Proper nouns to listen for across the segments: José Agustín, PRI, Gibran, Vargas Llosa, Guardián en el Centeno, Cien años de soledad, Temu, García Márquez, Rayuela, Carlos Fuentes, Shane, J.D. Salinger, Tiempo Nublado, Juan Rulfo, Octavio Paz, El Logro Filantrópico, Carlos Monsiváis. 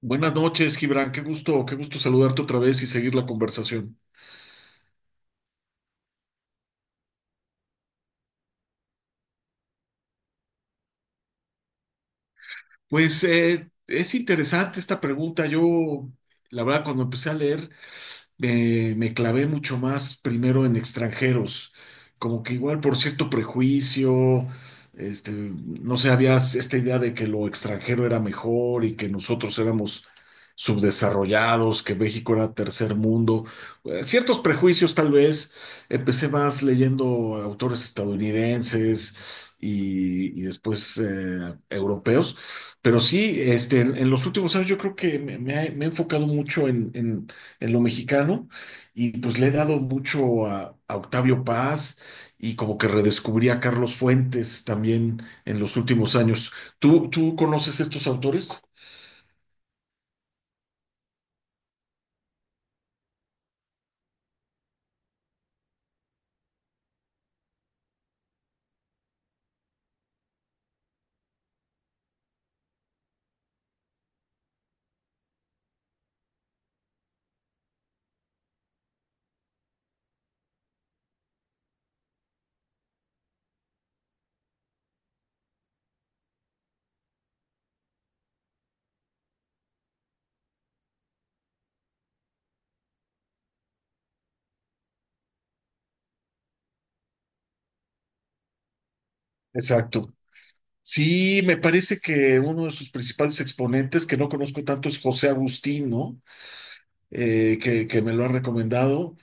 Buenas noches, Gibran. Qué gusto saludarte otra vez y seguir la conversación. Pues es interesante esta pregunta. Yo, la verdad, cuando empecé a leer me clavé mucho más primero en extranjeros, como que igual por cierto prejuicio, no sé, había esta idea de que lo extranjero era mejor y que nosotros éramos subdesarrollados, que México era tercer mundo, ciertos prejuicios tal vez, empecé más leyendo autores estadounidenses. Y después europeos, pero sí, en los últimos años yo creo que me he enfocado mucho en lo mexicano y pues le he dado mucho a Octavio Paz y como que redescubrí a Carlos Fuentes también en los últimos años. ¿Tú conoces estos autores? Exacto. Sí, me parece que uno de sus principales exponentes, que no conozco tanto, es José Agustín, ¿no? Que me lo ha recomendado.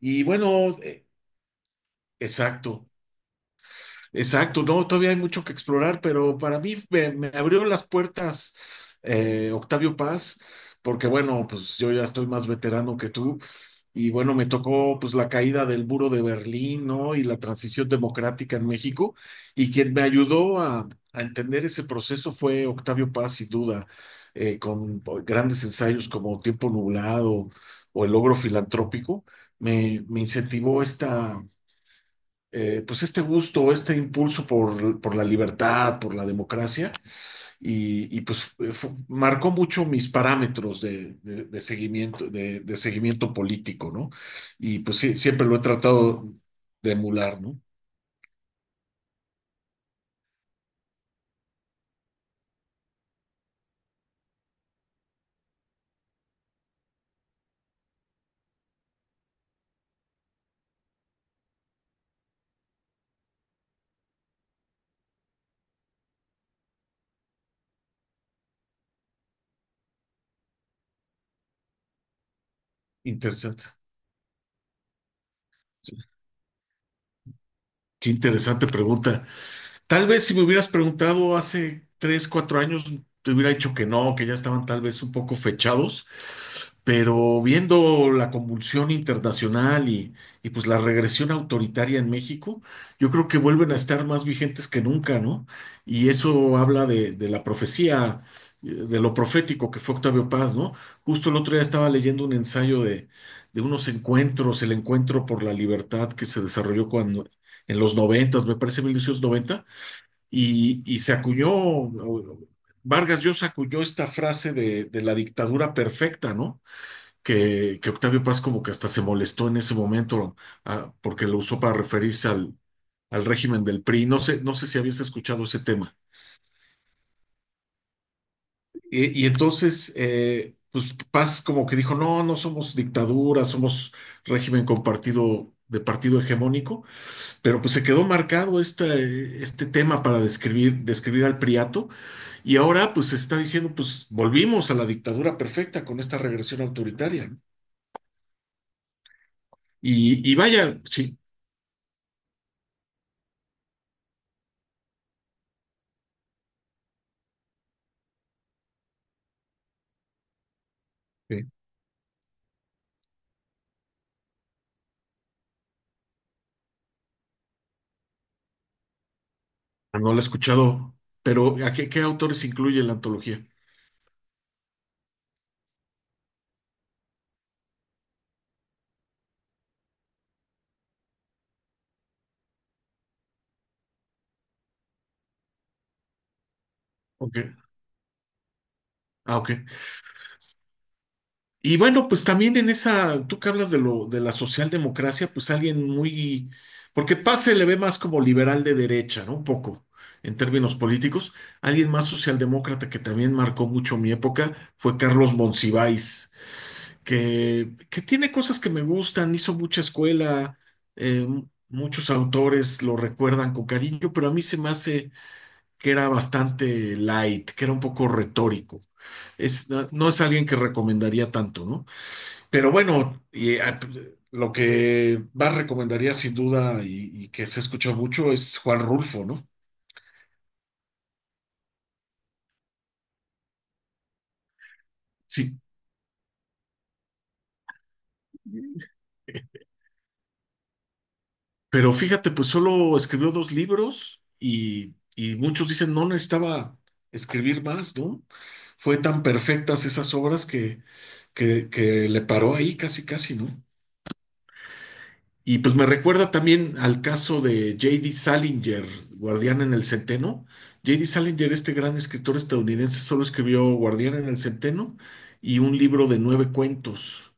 Y bueno, exacto. Exacto, no, todavía hay mucho que explorar, pero para mí me abrió las puertas Octavio Paz, porque bueno, pues yo ya estoy más veterano que tú, y bueno, me tocó pues la caída del muro de Berlín, ¿no? Y la transición democrática en México, y quien me ayudó a entender ese proceso fue Octavio Paz, sin duda, con grandes ensayos como Tiempo Nublado o El Logro Filantrópico, me incentivó esta pues este gusto, este impulso por la libertad, por la democracia, y pues marcó mucho mis parámetros de seguimiento, de seguimiento político, ¿no? Y pues sí, siempre lo he tratado de emular, ¿no? Interesante. Sí. Qué interesante pregunta. Tal vez si me hubieras preguntado hace tres, cuatro años, te hubiera dicho que no, que ya estaban tal vez un poco fechados, pero viendo la convulsión internacional pues la regresión autoritaria en México, yo creo que vuelven a estar más vigentes que nunca, ¿no? Y eso habla de la profecía, de lo profético que fue Octavio Paz, ¿no? Justo el otro día estaba leyendo un ensayo de unos encuentros, el encuentro por la libertad que se desarrolló cuando, en los noventas, me parece 1990 y se acuñó, Vargas Llosa acuñó esta frase de la dictadura perfecta, ¿no? Que Octavio Paz como que hasta se molestó en ese momento porque lo usó para referirse al régimen del PRI. No sé, no sé si habías escuchado ese tema. Y entonces, pues Paz como que dijo, no, no somos dictadura, somos régimen compartido de partido hegemónico, pero pues se quedó marcado este tema para describir, describir al priato y ahora pues se está diciendo, pues volvimos a la dictadura perfecta con esta regresión autoritaria, ¿no? Y vaya, sí. Ah, no la he escuchado, pero ¿a qué autores incluye la antología? Ok, ok. Y bueno, pues también en esa, tú que hablas de lo de la socialdemocracia, pues alguien muy, porque Paz se le ve más como liberal de derecha, ¿no? Un poco, en términos políticos. Alguien más socialdemócrata que también marcó mucho mi época fue Carlos Monsiváis, que tiene cosas que me gustan, hizo mucha escuela, eh, muchos autores lo recuerdan con cariño, pero a mí se me hace que era bastante light, que era un poco retórico. Es, no, no es alguien que recomendaría tanto, ¿no? Pero bueno, lo que más recomendaría sin duda y que se escucha mucho es Juan Rulfo, ¿no? Sí, pero fíjate, pues solo escribió dos libros y muchos dicen no necesitaba escribir más, ¿no? Fue tan perfectas esas obras que le paró ahí casi, casi, ¿no? Y pues me recuerda también al caso de J.D. Salinger, Guardián en el Centeno. J.D. Salinger, este gran escritor estadounidense, solo escribió Guardián en el Centeno y un libro de nueve cuentos.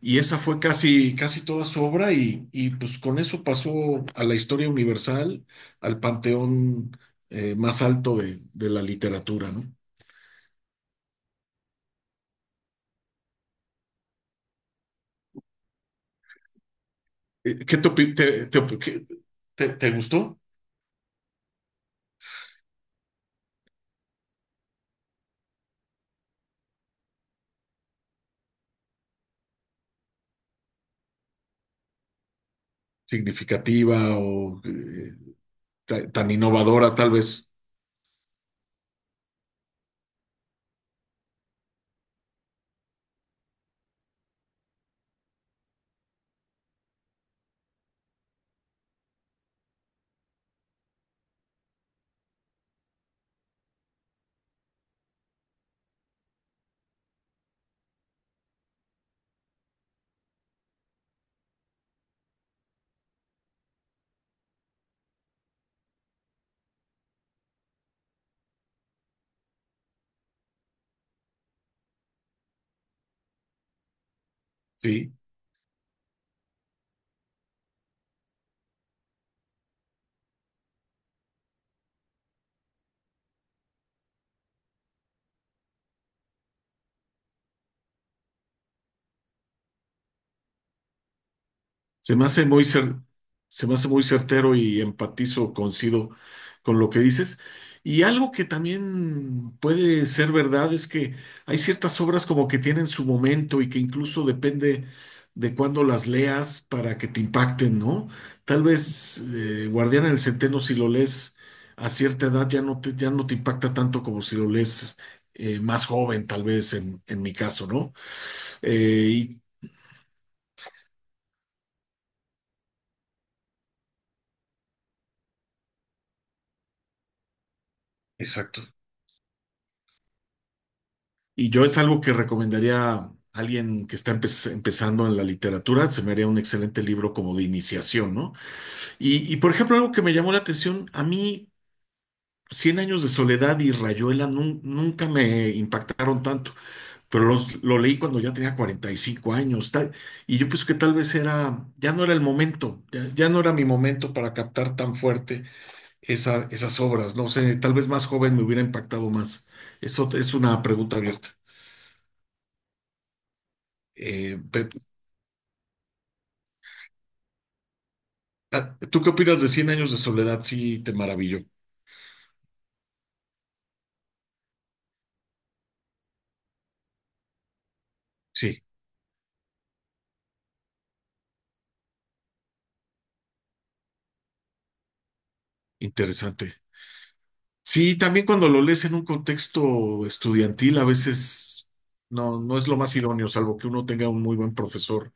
Y esa fue casi, casi toda su obra y pues con eso pasó a la historia universal, al panteón más alto de la literatura, ¿no? ¿Qué te, opi- te op- qué- te- te gustó? ¿Significativa o tan innovadora tal vez? Sí. Se me hace muy cer- se me hace muy certero y empatizo, coincido con lo que dices. Y algo que también puede ser verdad es que hay ciertas obras como que tienen su momento y que incluso depende de cuándo las leas para que te impacten, ¿no? Tal vez Guardián en el Centeno, si lo lees a cierta edad, ya no ya no te impacta tanto como si lo lees más joven, tal vez en mi caso, ¿no? Eh, y Exacto. Y yo es algo que recomendaría a alguien que está empezando en la literatura, se me haría un excelente libro como de iniciación, ¿no? Por ejemplo, algo que me llamó la atención, a mí Cien años de soledad y Rayuela nunca me impactaron tanto, pero lo leí cuando ya tenía 45 años, tal, y yo pienso que tal vez era, ya no era el momento, ya no era mi momento para captar tan fuerte esas obras, no sé, tal vez más joven me hubiera impactado más. Eso es una pregunta abierta. Eh, pe- Ah, ¿tú qué opinas de Cien años de soledad? Sí, te maravilló. Sí, interesante. Sí, también cuando lo lees en un contexto estudiantil, a veces no, no es lo más idóneo, salvo que uno tenga un muy buen profesor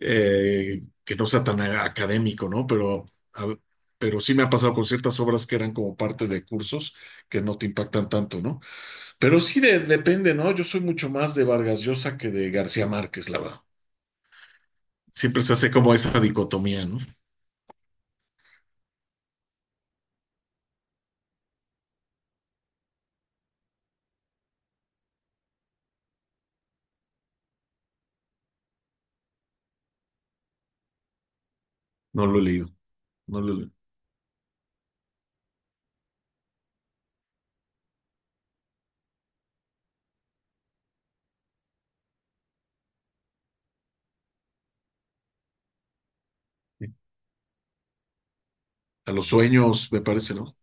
que no sea tan académico, ¿no? Pero, a pero sí me ha pasado con ciertas obras que eran como parte de cursos que no te impactan tanto, ¿no? Pero sí depende, ¿no? Yo soy mucho más de Vargas Llosa que de García Márquez, la verdad. Siempre se hace como esa dicotomía, ¿no? No lo he leído. No lo he leído. A los sueños, me parece, ¿no?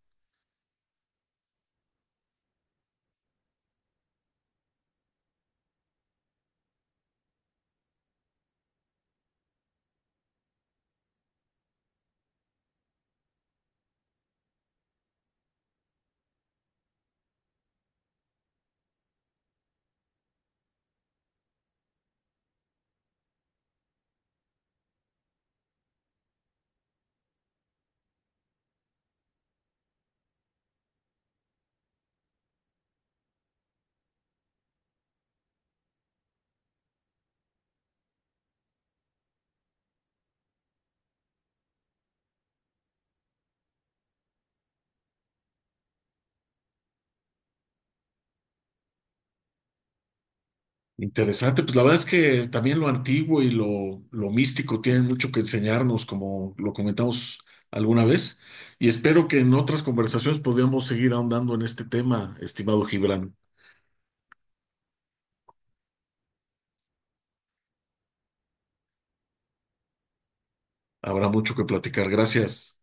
Interesante, pues la verdad es que también lo antiguo y lo místico tienen mucho que enseñarnos, como lo comentamos alguna vez, y espero que en otras conversaciones podamos seguir ahondando en este tema, estimado Gibran. Habrá mucho que platicar. Gracias.